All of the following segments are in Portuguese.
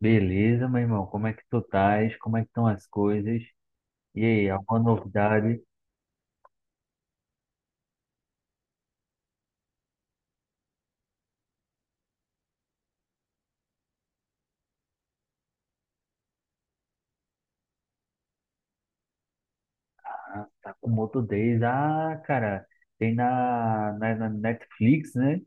Beleza, meu irmão, como é que tu estás? Como é que estão as coisas? E aí, alguma novidade? Ah, tá com Motodês. Ah, cara, tem na Netflix, né?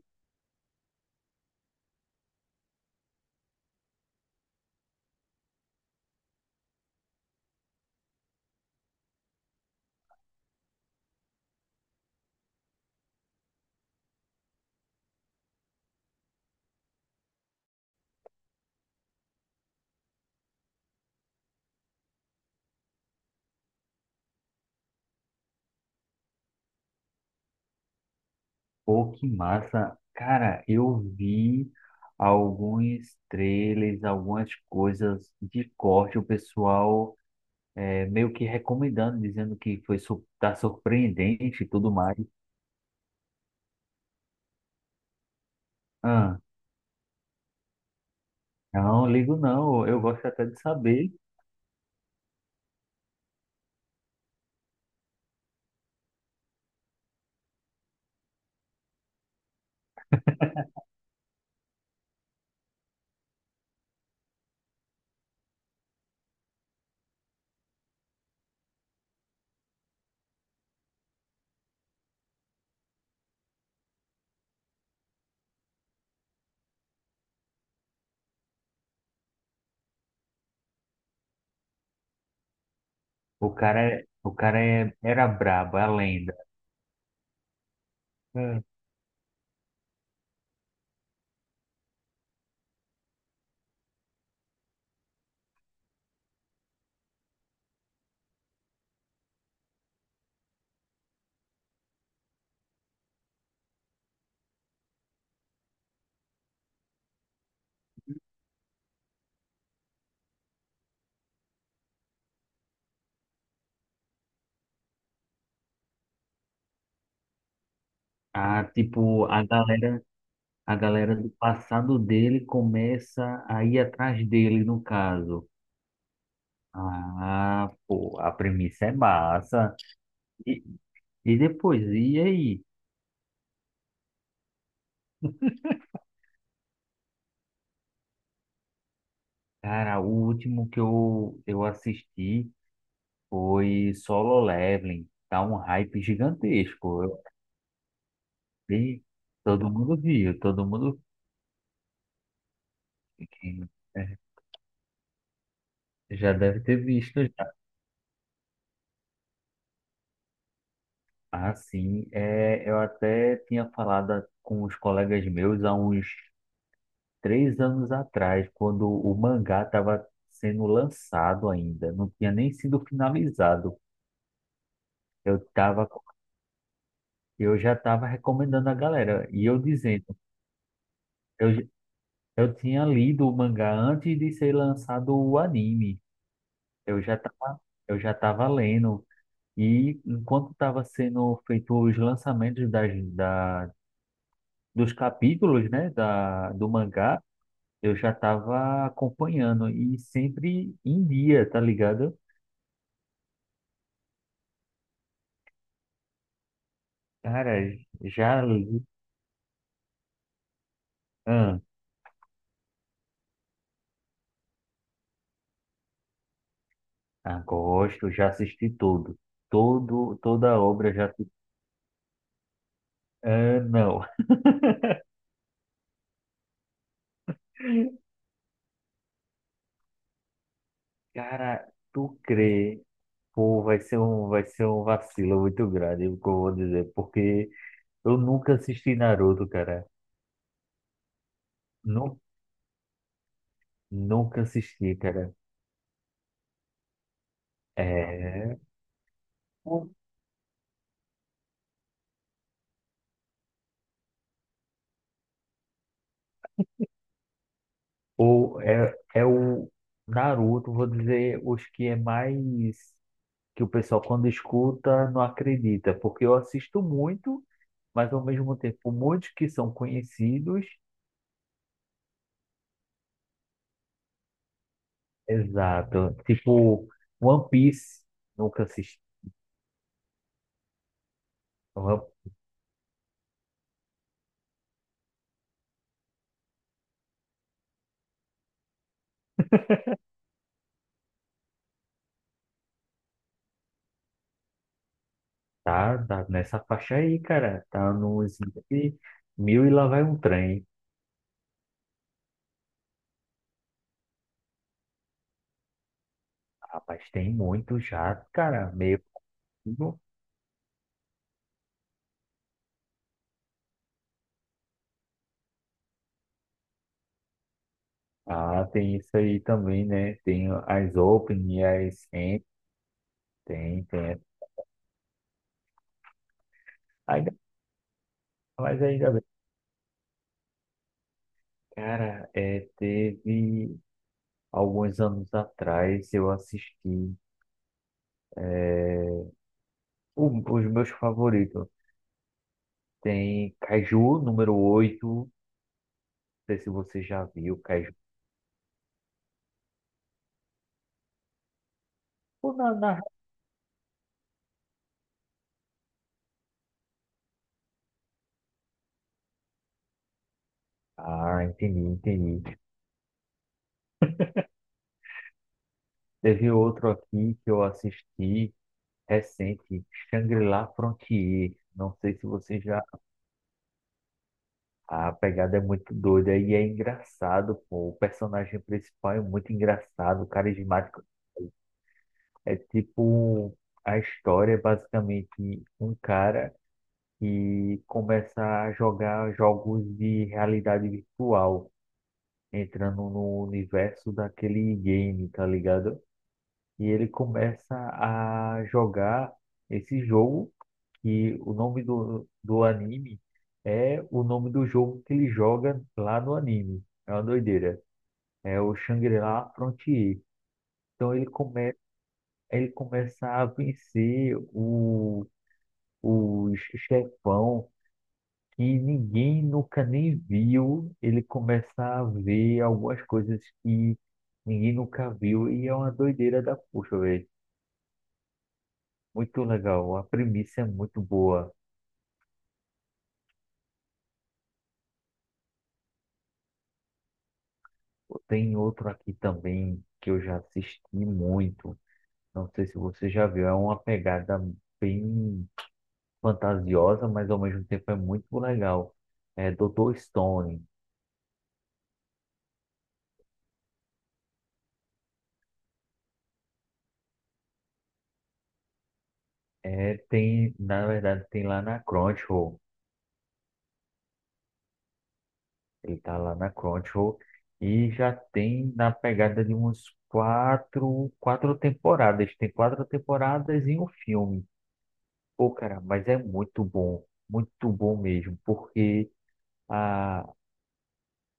Pô, que massa. Cara, eu vi alguns trailers, algumas coisas de corte, o pessoal meio que recomendando, dizendo que foi tá surpreendente e tudo mais. Ah, não, ligo não, eu gosto até de saber. O cara, o cara era brabo, é a lenda. É. A, tipo, a galera, a galera do passado dele começa a ir atrás dele, no caso. Ah, pô, a premissa é massa. E, e depois, e aí? Cara, o último que eu assisti foi Solo Leveling. Tá um hype gigantesco. Eu, vi, todo mundo viu, que- é, já deve ter visto. Ah, sim. É, eu até tinha falado com os colegas meus há uns três anos atrás, quando o mangá estava sendo lançado ainda, não tinha nem sido finalizado. Eu tava, eu já estava recomendando a galera, e eu dizendo, eu, j- eu tinha lido o mangá antes de ser lançado o anime. Eu já estava, eu já estava lendo. E enquanto estava sendo feito os lançamentos dos capítulos, né, do mangá, eu já estava acompanhando e sempre em dia, tá ligado? Cara, já li, ah, gosto, já assisti tudo, todo, toda a obra já, assisti. Ah, não, cara, tu crê, pô, vai ser vai ser um vacilo muito grande, o que eu vou dizer, porque eu nunca assisti Naruto, cara. Nu, Nunca assisti, cara. é, é o Naruto, vou dizer, os que é mais que o pessoal quando escuta não acredita, porque eu assisto muito, mas ao mesmo tempo muitos que são conhecidos, exato, tipo One Piece, nunca assisti. One- tá, tá nessa faixa aí, cara, tá nos entre mil e lá vai um trem. Rapaz, tem muito já, cara, meio, possível. Ah, tem isso aí também, né, tem as Open e as End, tem, tem, ainda, mas ainda bem, cara. Teve alguns anos atrás eu assisti eh, os meus favoritos. Tem Kaiju número 8. Não sei se você já viu Kaiju. Ou na- na- Ah, entendi, entendi. Teve outro aqui que eu assisti recente, Shangri-La Frontier. Não sei se você já. A pegada é muito doida e é engraçado, pô. O personagem principal é muito engraçado, carismático. É tipo. um, A história é basicamente um cara. E começa a jogar jogos de realidade virtual, entrando no universo daquele game, tá ligado? E ele começa a jogar esse jogo que o nome do anime é o nome do jogo que ele joga lá no anime. É uma doideira. É o Shangri-La Frontier. Então ele começa a vencer o chefão. E ninguém nunca nem viu ele começar a ver algumas coisas que ninguém nunca viu. E é uma doideira da puxa, velho. Muito legal. A premissa é muito boa. Tem outro aqui também que eu já assisti muito. Não sei se você já viu. É uma pegada bem fantasiosa, mas ao mesmo tempo é muito legal. É Dr. Stone. É, tem, na verdade, tem lá na Crunchyroll. Ele tá lá na Crunchyroll e já tem na pegada de uns quatro, quatro temporadas. Tem quatro temporadas e um filme. Pô, cara, mas é muito bom mesmo, porque a,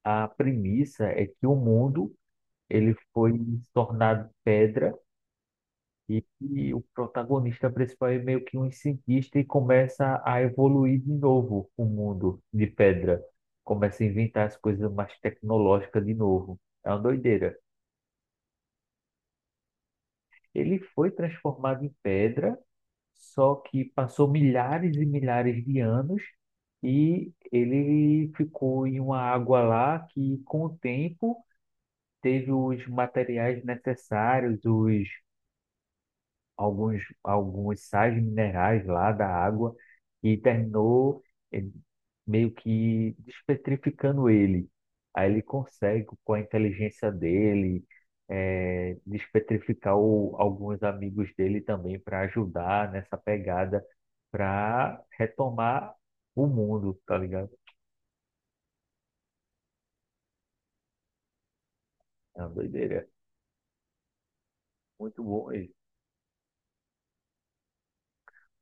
a premissa é que o mundo ele foi tornado pedra. E o protagonista principal é meio que um cientista e começa a evoluir de novo o mundo de pedra. Começa a inventar as coisas mais tecnológicas de novo. É uma doideira. Ele foi transformado em pedra, só que passou milhares e milhares de anos e ele ficou em uma água lá que, com o tempo, teve os materiais necessários, os alguns sais minerais lá da água e terminou eh, meio que despetrificando ele. Aí ele consegue, com a inteligência dele, despetrificar alguns amigos dele também para ajudar nessa pegada para retomar o mundo, tá ligado? É uma doideira. Muito bom. E,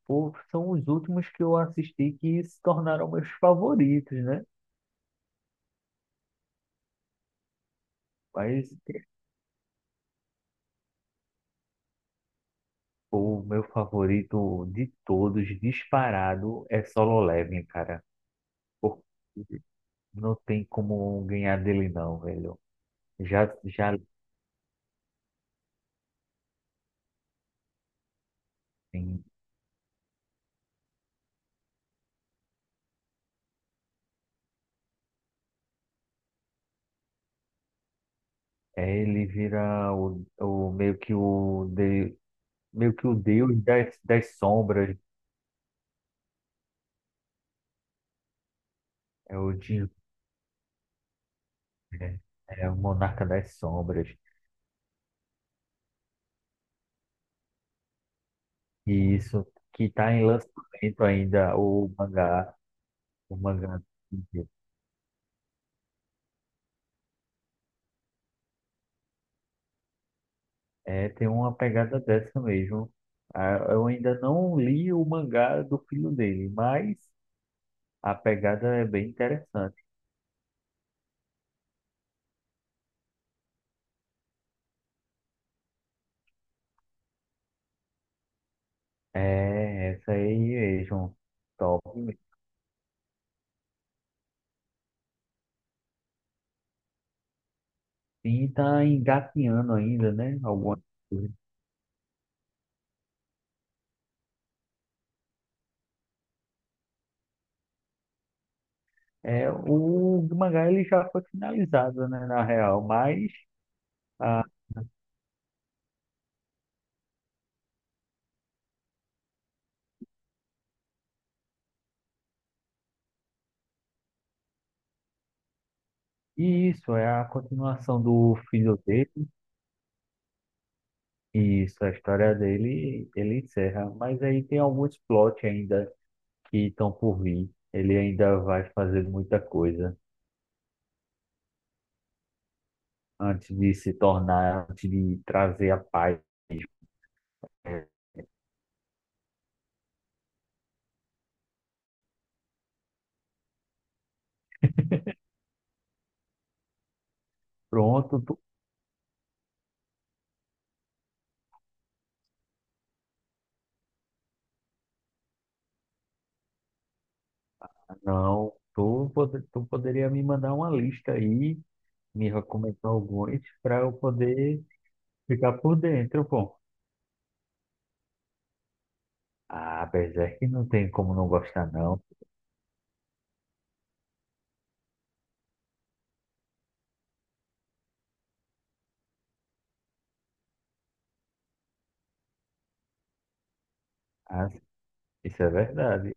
pô, são os últimos que eu assisti que se tornaram meus favoritos, né? Mas o meu favorito de todos, disparado, é Solo Leveling, cara. Pô, não tem como ganhar dele não, velho. Já assim, é, ele vira o meio que meio que o deus das sombras, é o Jin, né? É o monarca das sombras. E isso que tá em lançamento ainda o mangá. É, tem uma pegada dessa mesmo. Ah, eu ainda não li o mangá do filho dele, mas a pegada é bem interessante. É, essa aí mesmo. Top. E tá engatinhando ainda, né? Alguma coisa. É, o mangá ele já foi finalizado, né, na real, mas ah, e isso é a continuação do filho dele. Isso, a história dele, ele encerra, mas aí tem alguns plot ainda que estão por vir. Ele ainda vai fazer muita coisa antes de se tornar, antes de trazer a paz. Pronto, tu, não, tu, pode- Tu poderia me mandar uma lista aí, me recomendar alguns, para eu poder ficar por dentro, pô. Ah, Berserk não tem como não gostar, não. Ah, isso é verdade.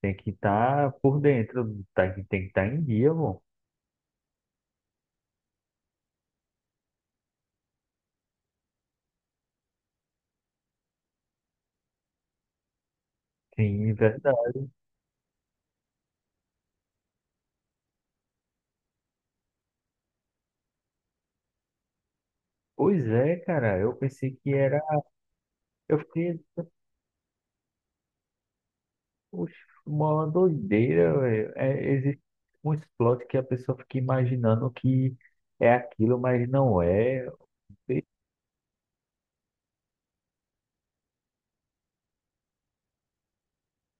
Tem que estar por dentro, tá, tem que estar em dia, pô. Sim, verdade. Pois é, cara, eu pensei que era. Eu fiquei. Oxe, uma doideira, velho. É, existe muitos plot que a pessoa fica imaginando que é aquilo, mas não é. E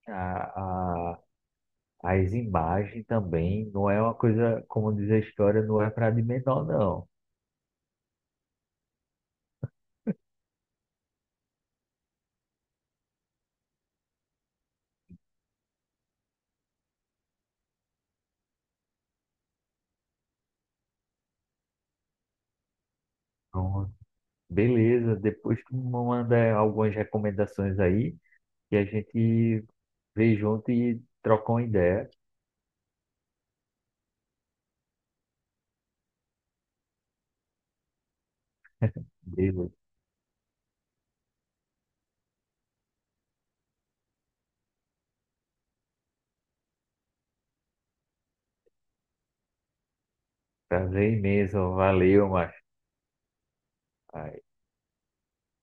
A, a, As imagens também não é uma coisa, como diz a história, não é para de menor, não. Pronto. Beleza, depois tu manda algumas recomendações aí. E a gente veio junto e trocou uma ideia. Beleza. Prazer imenso. Valeu, macho.